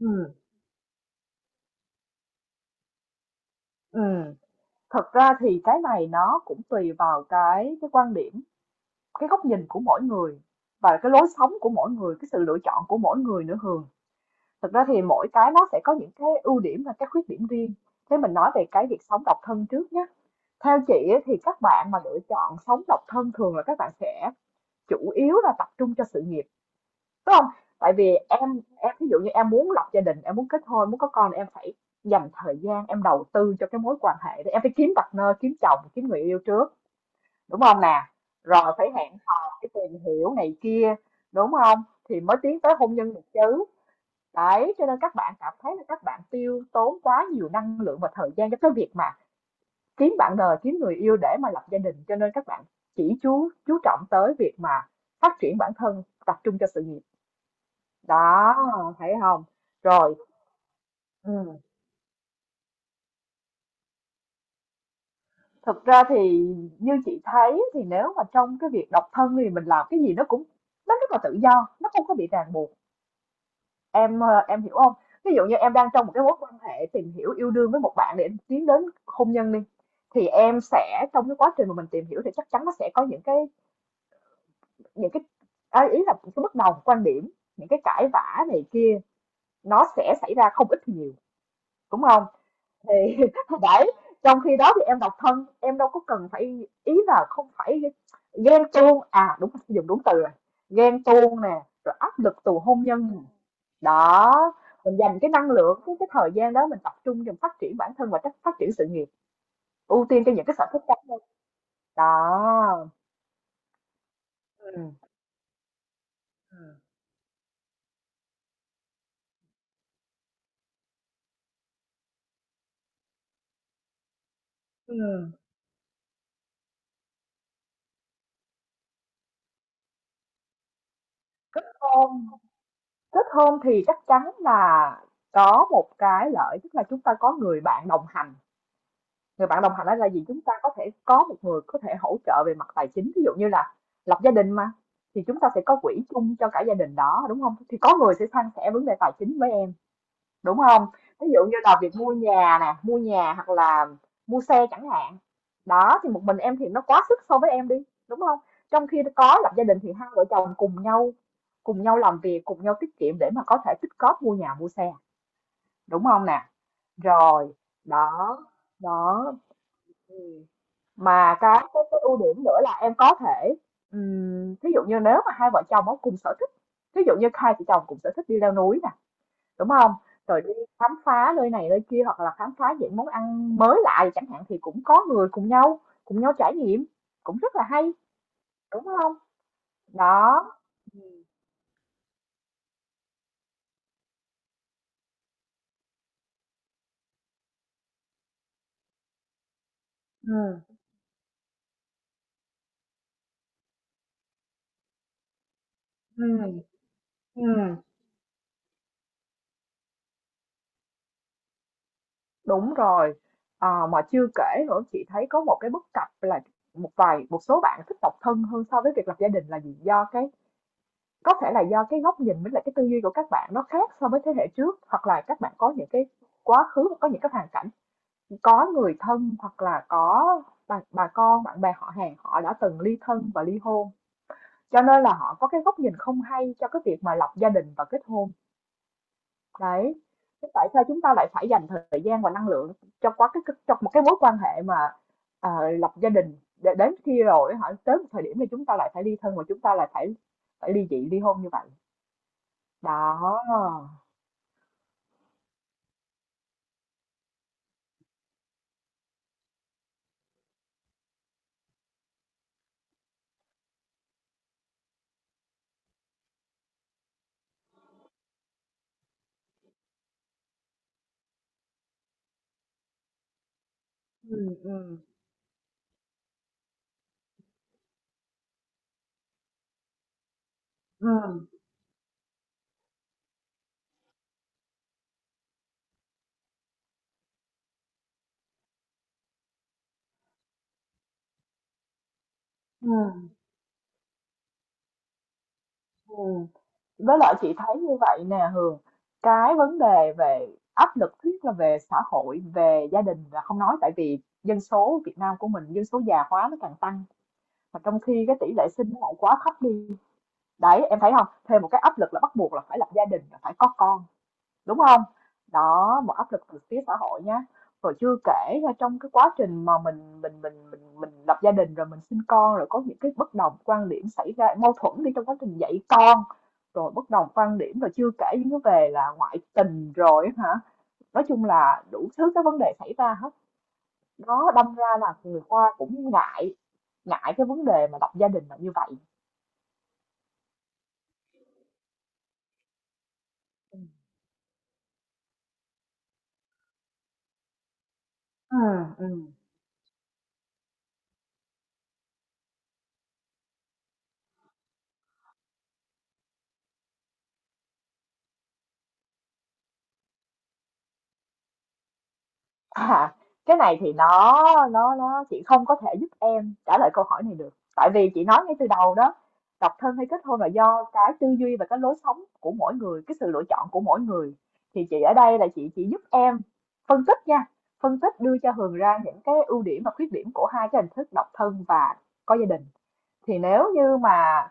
Ừ, ừ. Thật ra thì cái này nó cũng tùy vào cái quan điểm, cái góc nhìn của mỗi người và cái lối sống của mỗi người, cái sự lựa chọn của mỗi người nữa Hường. Thật ra thì mỗi cái nó sẽ có những cái ưu điểm và cái khuyết điểm riêng. Thế mình nói về cái việc sống độc thân trước nhé. Theo chị ấy, thì các bạn mà lựa chọn sống độc thân thường là các bạn sẽ chủ yếu là tập trung cho sự nghiệp, đúng không? Tại vì em ví dụ như em muốn lập gia đình, em muốn kết hôn, muốn có con thì em phải dành thời gian, em đầu tư cho cái mối quan hệ đó, em phải kiếm partner, kiếm chồng, kiếm người yêu trước, đúng không nè? Rồi phải hẹn hò, phải tìm hiểu này kia, đúng không, thì mới tiến tới hôn nhân được chứ. Đấy, cho nên các bạn cảm thấy là các bạn tiêu tốn quá nhiều năng lượng và thời gian cho cái việc mà kiếm bạn đời, kiếm người yêu để mà lập gia đình, cho nên các bạn chỉ chú trọng tới việc mà phát triển bản thân, tập trung cho sự nghiệp. Đó, thấy không? Rồi, ừ. Thực ra thì như chị thấy thì nếu mà trong cái việc độc thân thì mình làm cái gì nó cũng nó rất là tự do, nó không có bị ràng buộc. Em hiểu không? Ví dụ như em đang trong một cái mối quan hệ tìm hiểu yêu đương với một bạn để tiến đến hôn nhân đi, thì em sẽ trong cái quá trình mà mình tìm hiểu thì chắc chắn nó sẽ có những cái những cái à, ý là những cái bất đồng quan điểm, những cái cãi vã này kia, nó sẽ xảy ra không ít thì nhiều, đúng không? Thì đấy, trong khi đó thì em độc thân, em đâu có cần phải, ý là không phải ghen tuông à, đúng, dùng đúng từ rồi, ghen tuông nè, rồi áp lực từ hôn nhân. Đó, mình dành cái năng lượng, cái thời gian đó mình tập trung cho phát triển bản thân và phát phát triển sự nghiệp, ưu tiên cho những cái sở thích cá nhân. Đó, ừ. Ừ. Kết hôn, kết hôn thì chắc chắn là có một cái lợi, tức là chúng ta có người bạn đồng hành. Người bạn đồng hành đó là gì? Chúng ta có thể có một người có thể hỗ trợ về mặt tài chính, ví dụ như là lập gia đình mà, thì chúng ta sẽ có quỹ chung cho cả gia đình đó, đúng không? Thì có người sẽ san sẻ vấn đề tài chính với em, đúng không? Ví dụ như là việc mua nhà nè, mua nhà hoặc là mua xe chẳng hạn. Đó, thì một mình em thì nó quá sức so với em đi, đúng không? Trong khi có lập gia đình thì hai vợ chồng cùng nhau, cùng nhau làm việc, cùng nhau tiết kiệm để mà có thể tích cóp mua nhà, mua xe, đúng không nè? Rồi, đó, đó, ừ, mà cái ưu điểm nữa là em có thể, ví dụ như nếu mà hai vợ chồng có cùng sở thích, ví dụ như hai vợ chồng cùng sở thích đi leo núi nè, đúng không, rồi đi khám phá nơi này nơi kia hoặc là khám phá những món ăn mới lạ chẳng hạn, thì cũng có người cùng nhau, cùng nhau trải nghiệm, cũng rất là hay, đúng không? Đó, ừ, ừ, ừ. Đúng rồi, à, mà chưa kể nữa chị thấy có một cái bất cập là một số bạn thích độc thân hơn so với việc lập gia đình là gì, do cái, có thể là do cái góc nhìn với lại cái tư duy của các bạn nó khác so với thế hệ trước, hoặc là các bạn có những cái quá khứ, có những cái hoàn cảnh, có người thân hoặc là có bà con, bạn bè họ hàng họ đã từng ly thân và ly hôn. Cho nên là họ có cái góc nhìn không hay cho cái việc mà lập gia đình và kết hôn. Đấy. Thế tại sao chúng ta lại phải dành thời gian và năng lượng cho quá cái, trong một cái mối quan hệ mà, à, lập gia đình, để đến khi rồi họ tới một thời điểm thì chúng ta lại phải ly thân và chúng ta lại phải phải ly dị ly hôn như vậy. Đó. Ừm, ừm, ừm, ừm, ừm. Với lại chị thấy như vậy nè Hường, cái vấn đề về áp lực thiết là về xã hội, về gia đình là không nói, tại vì dân số Việt Nam của mình, dân số già hóa nó càng tăng mà trong khi cái tỷ lệ sinh nó lại quá thấp đi. Đấy, em thấy không? Thêm một cái áp lực là bắt buộc là phải lập gia đình, là phải có con, đúng không? Đó, một áp lực từ phía xã hội nhá. Rồi chưa kể là trong cái quá trình mà mình lập gia đình, rồi mình sinh con, rồi có những cái bất đồng quan điểm xảy ra, mâu thuẫn đi, trong quá trình dạy con, rồi bất đồng quan điểm, rồi chưa kể những cái về là ngoại tình rồi hả, nói chung là đủ thứ cái vấn đề xảy ra hết. Đó, đâm ra là người Hoa cũng ngại, ngại cái vấn đề mà lập gia đình là như vậy. Ừ, ừ. À, cái này thì nó, nó chị không có thể giúp em trả lời câu hỏi này được, tại vì chị nói ngay từ đầu đó, độc thân hay kết hôn là do cái tư duy và cái lối sống của mỗi người, cái sự lựa chọn của mỗi người. Thì chị ở đây là chị chỉ giúp em phân tích nha, phân tích đưa cho Hường ra những cái ưu điểm và khuyết điểm của hai cái hình thức độc thân và có gia đình. Thì nếu như mà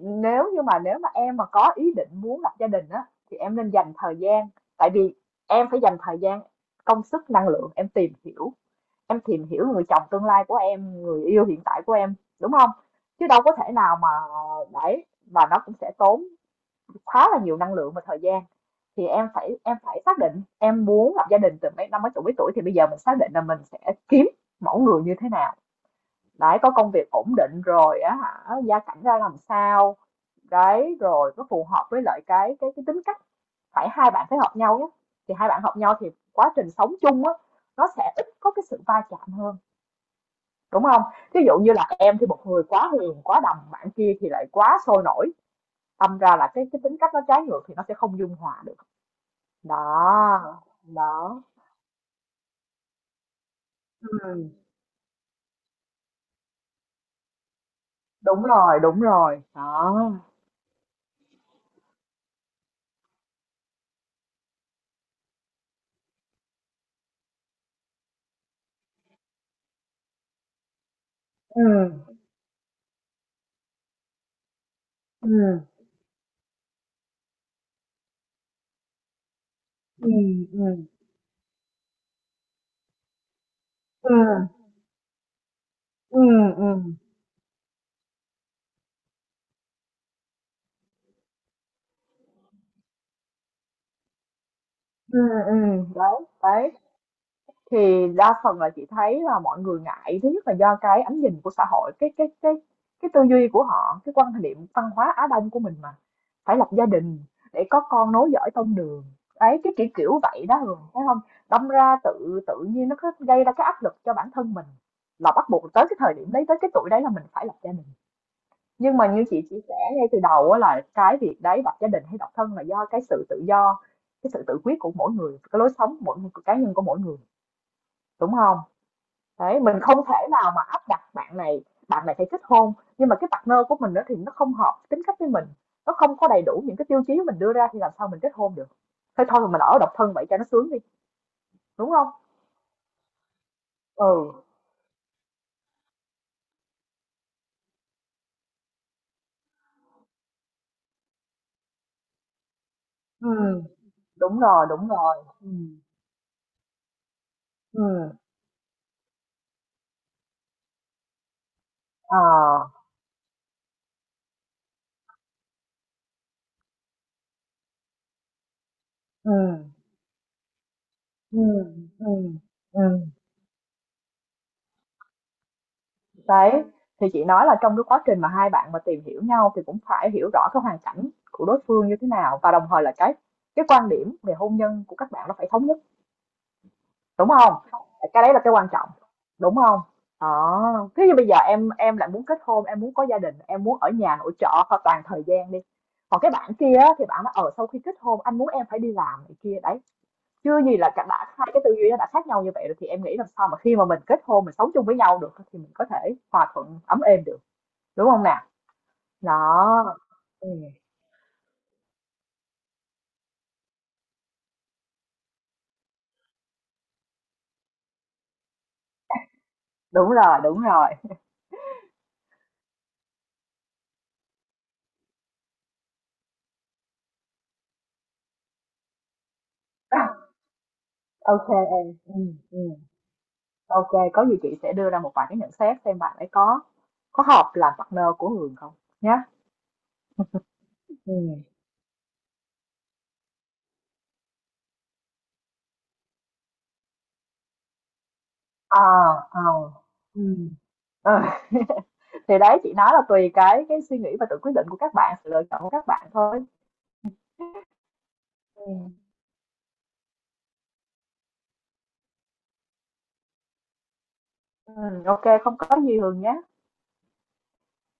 nếu như mà nếu mà em mà có ý định muốn lập gia đình á, thì em nên dành thời gian, tại vì em phải dành thời gian, công sức, năng lượng em tìm hiểu, em tìm hiểu người chồng tương lai của em, người yêu hiện tại của em, đúng không? Chứ đâu có thể nào mà, đấy, và nó cũng sẽ tốn khá là nhiều năng lượng và thời gian. Thì em phải xác định em muốn lập gia đình từ mấy năm, mấy tuổi, mấy tuổi thì bây giờ mình xác định là mình sẽ kiếm mẫu người như thế nào. Đấy, có công việc ổn định rồi á hả, gia cảnh ra làm sao, đấy, rồi nó phù hợp với lại cái tính cách, phải hai bạn phải hợp nhau nhé, thì hai bạn hợp nhau thì quá trình sống chung á, nó sẽ ít có cái sự va chạm hơn, đúng không? Ví dụ như là em thì một người quá hiền, quá đầm, bạn kia thì lại quá sôi nổi, đâm ra là cái tính cách nó trái ngược thì nó sẽ không dung hòa được. Đó, đó, ừ, đúng rồi, đúng rồi. Đó, ừ, ừ, ừ, ừ, ừ, ừ, ừ. Ừ, ừ, đấy, đấy. Thì đa phần là chị thấy là mọi người ngại, thứ nhất là do cái ánh nhìn của xã hội, cái tư duy của họ, cái quan niệm văn hóa Á Đông của mình mà, phải lập gia đình để có con nối dõi tông đường. Đấy, cái kiểu kiểu vậy đó Hường, thấy không? Đâm ra tự tự nhiên nó có gây ra cái áp lực cho bản thân mình, là bắt buộc tới cái thời điểm đấy, tới cái tuổi đấy là mình phải lập gia đình. Nhưng mà như chị chia sẻ ngay từ đầu á, là cái việc đấy, lập gia đình hay độc thân là do cái sự tự do, cái sự tự quyết của mỗi người, cái lối sống của mỗi, của cá nhân của mỗi người, đúng không? Đấy, mình không thể nào mà áp đặt bạn này phải kết hôn, nhưng mà cái partner của mình đó thì nó không hợp tính cách với mình, nó không có đầy đủ những cái tiêu chí mình đưa ra thì làm sao mình kết hôn được? Thế thôi mà mình ở độc thân vậy cho nó sướng đi, đúng không? Ừ, ừ, đúng rồi, ừ, ừ, à, ừ, ừ, ừ, ừ. Đấy, thì chị nói là trong cái quá trình mà hai bạn mà tìm hiểu nhau thì cũng phải hiểu rõ cái hoàn cảnh của đối phương như thế nào, và đồng thời là cái quan điểm về hôn nhân của các bạn nó phải thống nhất, đúng không? Cái đấy là cái quan trọng, đúng không? Đó, thế như bây giờ em lại muốn kết hôn, em muốn có gia đình, em muốn ở nhà nội trợ hoặc toàn thời gian đi. Còn cái bạn kia á, thì bạn nói ở sau khi kết hôn anh muốn em phải đi làm này kia đấy. Chưa gì là cả đã hai cái tư duy nó đã khác nhau như vậy rồi thì em nghĩ làm sao mà khi mà mình kết hôn, mình sống chung với nhau được thì mình có thể hòa thuận ấm êm được. Đúng không nè? Đó, ừm, đúng rồi, đúng rồi. Ô kê em, ô, có gì chị sẽ đưa ra một vài cái nhận xét xem bạn ấy có hợp làm partner của Hường không, nhá. Ừm, ờ, ờ, ừm, ờ. Thì đấy, chị nói là tùy cái suy nghĩ và tự quyết định của các bạn, sự lựa chọn của các bạn thôi. Ừm, ô, không có gì Hường nhé.